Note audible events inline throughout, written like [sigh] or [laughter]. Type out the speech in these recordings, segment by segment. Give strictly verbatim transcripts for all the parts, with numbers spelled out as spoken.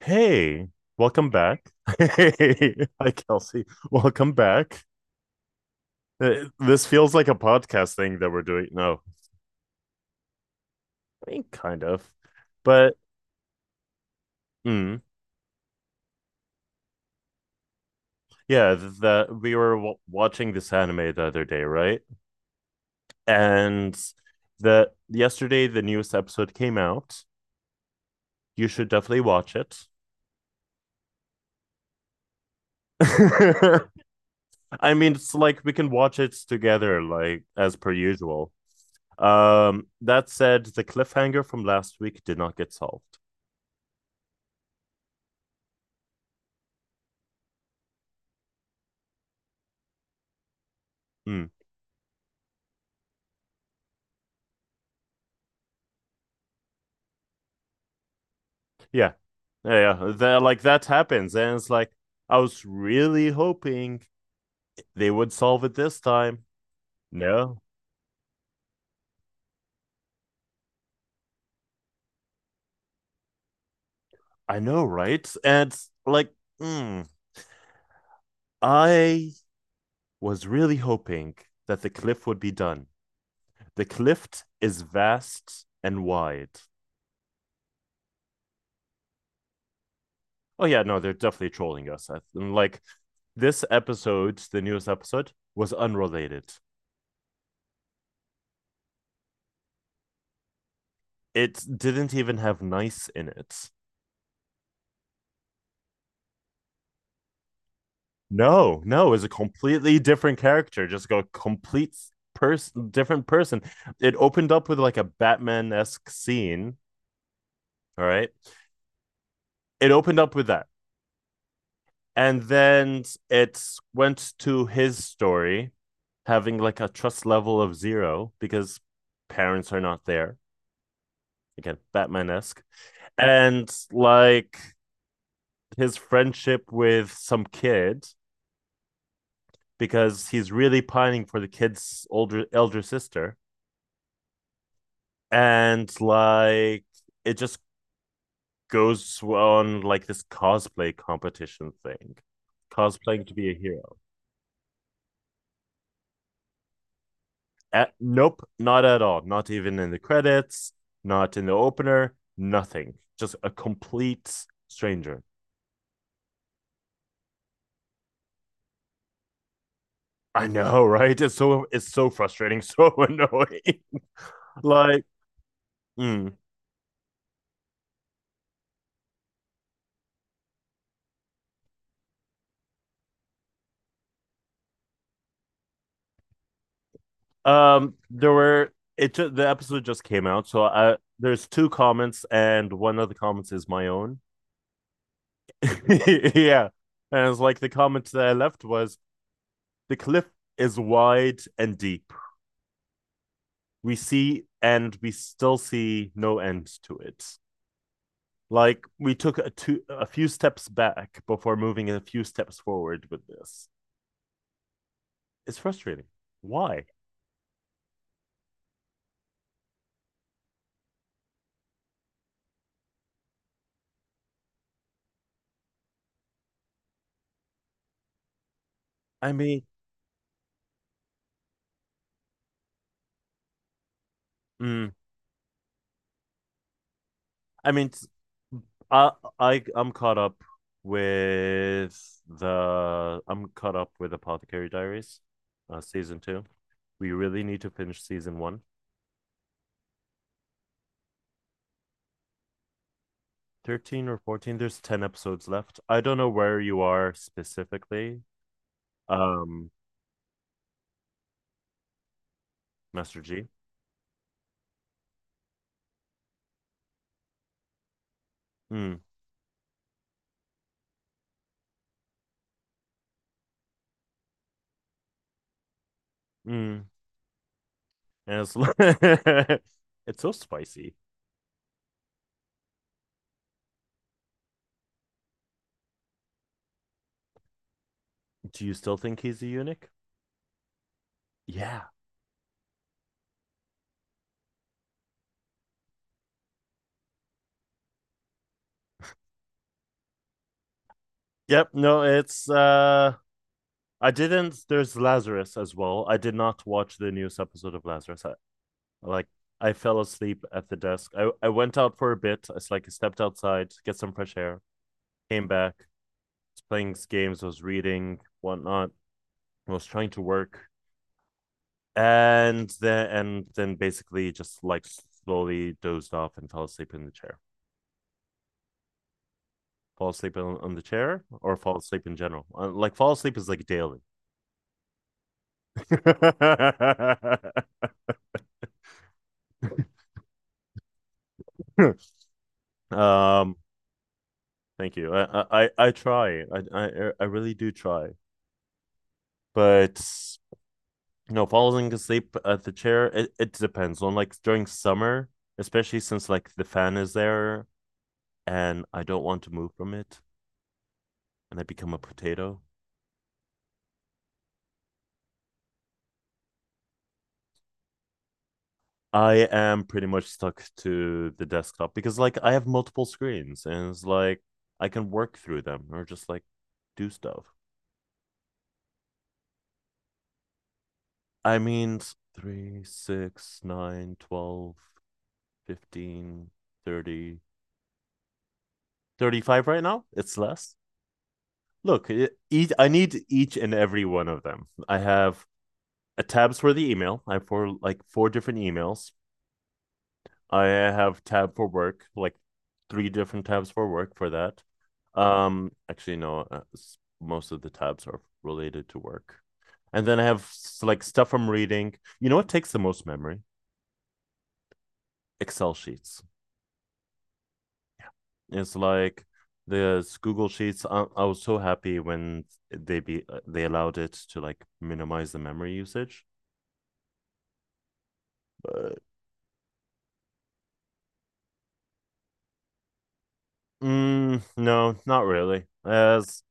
Hey, welcome back. [laughs] Hey, hi, Kelsey. Welcome back. Uh, This feels like a podcast thing that we're doing. No, I mean, kind of. But mm, yeah, th- that we were w watching this anime the other day, right? And the yesterday the newest episode came out. You should definitely watch it. [laughs] I mean, it's like we can watch it together, like as per usual. Um, that said, the cliffhanger from last week did not get solved. Mm. Yeah. Yeah, yeah. That, like that happens. And it's like, I was really hoping they would solve it this time. No. I know, right? And like, mm, I was really hoping that the cliff would be done. The cliff is vast and wide. Oh yeah, no, they're definitely trolling us. I- and, like this episode, the newest episode, was unrelated. It didn't even have nice in it. No, no, it's a completely different character, just like a complete person, different person. It opened up with like a Batman esque scene. All right. It opened up with that. And then it went to his story, having like a trust level of zero because parents are not there. Again, Batman esque. And like his friendship with some kid because he's really pining for the kid's older elder sister, and like it just goes on like this cosplay competition thing, cosplaying to be a hero. At, nope, not at all, not even in the credits, not in the opener, nothing, just a complete stranger. I know, [laughs] right, it's so it's so frustrating, so annoying. [laughs] Like. Mm. um there were it The episode just came out, so I there's two comments, and one of the comments is my own. [laughs] Yeah. And it's like the comment that I left was the cliff is wide and deep. We see, and we still see no end to it. Like we took a two a few steps back before moving a few steps forward with this. It's frustrating. Why? I mean, mm, I mean, I I I'm caught up with the I'm caught up with Apothecary Diaries, uh, season two. We really need to finish season one. thirteen or fourteen, there's ten episodes left. I don't know where you are specifically. um Master G. mm, mm. And it's, [laughs] it's so spicy. Do you still think he's a eunuch? Yeah. Yep. No, it's uh I didn't there's Lazarus as well. I did not watch the newest episode of Lazarus. I, like I fell asleep at the desk. I, I went out for a bit. It's like I stepped outside to get some fresh air, came back, was playing games, was reading whatnot. I was trying to work, and then and then basically just like slowly dozed off and fell asleep in the chair. Fall asleep on, on the chair, or fall asleep in general. Uh, like fall asleep is like daily. [laughs] um, Thank you. I I I try. I I I really do try, but you know, falling asleep at the chair. It it depends on like during summer, especially since like the fan is there, and I don't want to move from it, and I become a potato. I am pretty much stuck to the desktop because like I have multiple screens, and it's like I can work through them or just like do stuff. I mean, three, six, nine, twelve, fifteen, thirty, thirty-five right now. It's less. Look, it, each, I need each and every one of them. I have a tabs for the email. I have four like four different emails. I have tab for work, like three different tabs for work for that. Um, actually, no, uh, most of the tabs are related to work. And then I have like stuff I'm reading. You know what takes the most memory? Excel sheets. It's like this Google Sheets. I, I was so happy when they be uh, they allowed it to like minimize the memory usage. But mm, no, not really. As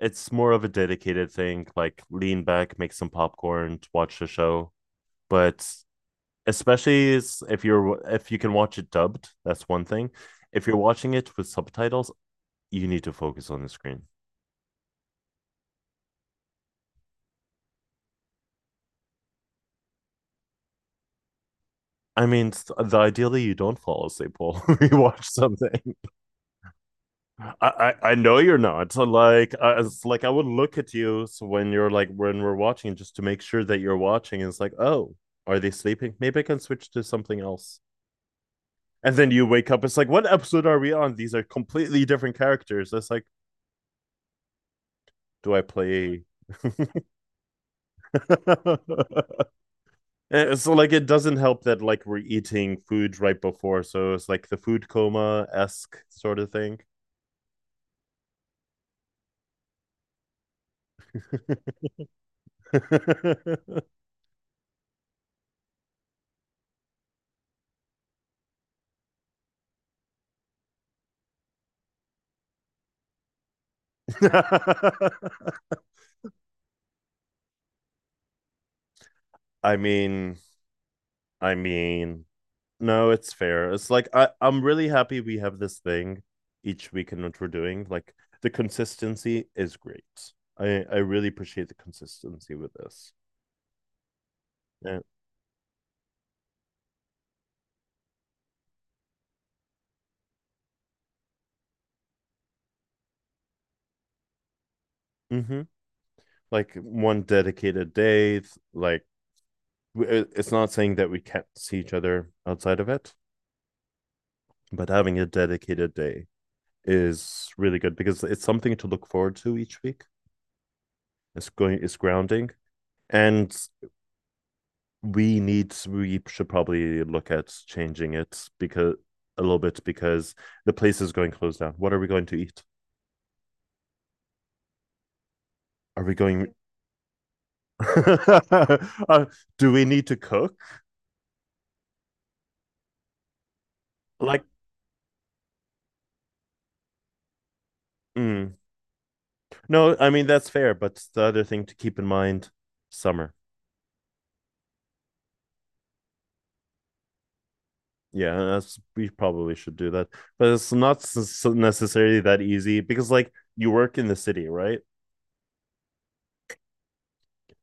It's more of a dedicated thing, like lean back, make some popcorn, watch the show. But especially if you're if you can watch it dubbed, that's one thing. If you're watching it with subtitles, you need to focus on the screen. I mean, the ideally you don't fall asleep while [laughs] you watch something. I, I I know you're not. So, like I, it's like I would look at you so when you're like when we're watching, just to make sure that you're watching. And it's like, oh, are they sleeping? Maybe I can switch to something else. And then you wake up, it's like, what episode are we on? These are completely different characters. That's like, do I play? [laughs] So like it doesn't help that like we're eating food right before, so it's like the food coma esque sort of thing. [laughs] I mean, I mean, no, it's fair. It's like I, I'm really happy we have this thing each week in what we're doing. Like the consistency is great. I, I really appreciate the consistency with this. Yeah. Mm-hmm. Like one dedicated day. Like it- it's not saying that we can't see each other outside of it, but having a dedicated day is really good because it's something to look forward to each week. It's going. It's grounding, and we need. We should probably look at changing it because a little bit because the place is going closed down. What are we going to eat? Are we going? [laughs] uh, do we need to cook? Like. mm, No, I mean that's fair, but the other thing to keep in mind, summer. Yeah, that's, we probably should do that, but it's not s- necessarily that easy because like you work in the city, right?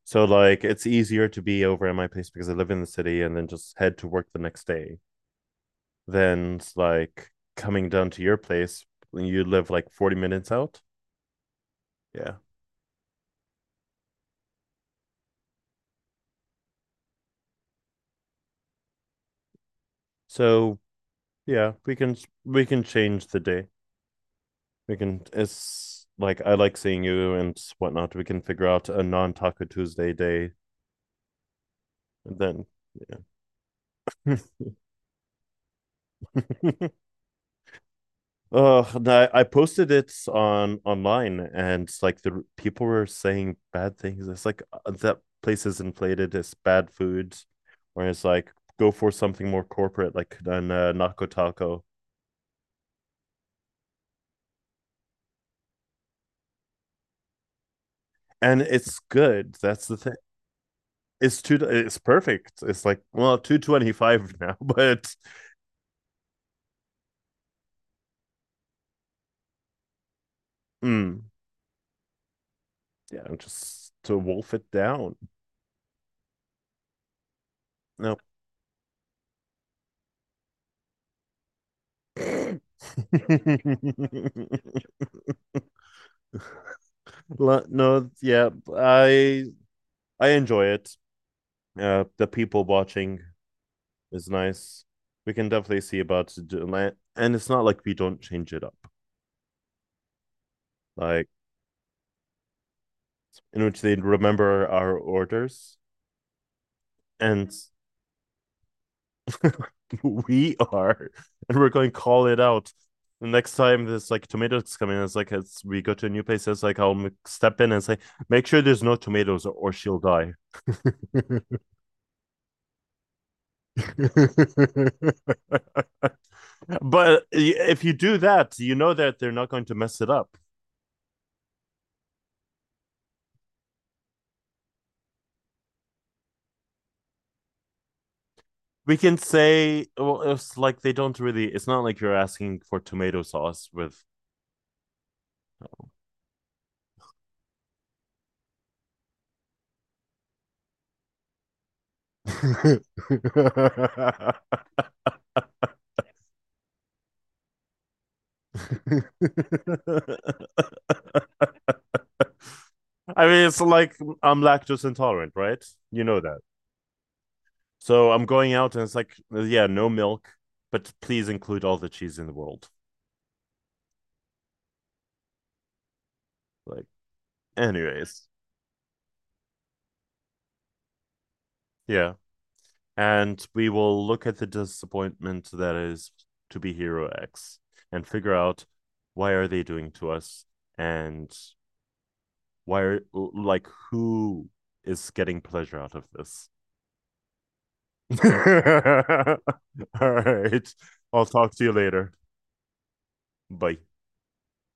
So like it's easier to be over at my place because I live in the city and then just head to work the next day. Then, like coming down to your place, you live like forty minutes out. Yeah. So yeah, we can we can change the day. We can It's like I like seeing you and whatnot. We can figure out a non-Taco Tuesday day, and then yeah. [laughs] Oh, I, I posted it on online, and like the people were saying bad things. It's like uh, that place is inflated, it's bad food. Or it's like go for something more corporate like an uh, Nako Taco. And it's good. That's the thing. It's two. It's perfect. It's like well, two twenty-five [laughs] now, but mm, yeah, just to wolf it down. No. [laughs] No, yeah, I I enjoy it. Uh, the people watching is nice. We can definitely see about it, and it's not like we don't change it up. Like in which they remember our orders, and [laughs] we are, and we're going to call it out. The next time there's like tomatoes coming, it's like as we go to a new place, it's like I'll step in and say, make sure there's no tomatoes, or, or she'll die. [laughs] But if you do that, you know that they're not going to mess it up. We can say, well, it's like they don't really, it's not like you're asking for tomato sauce with [laughs] [laughs] I mean, it's like I'm lactose intolerant, right? You know that. So I'm going out and it's like, yeah, no milk, but please include all the cheese in the world. Like, anyways, yeah. And we will look at the disappointment that is To Be Hero X and figure out why are they doing to us and why are like who is getting pleasure out of this. [laughs] [laughs] All right. I'll talk to you later. Bye.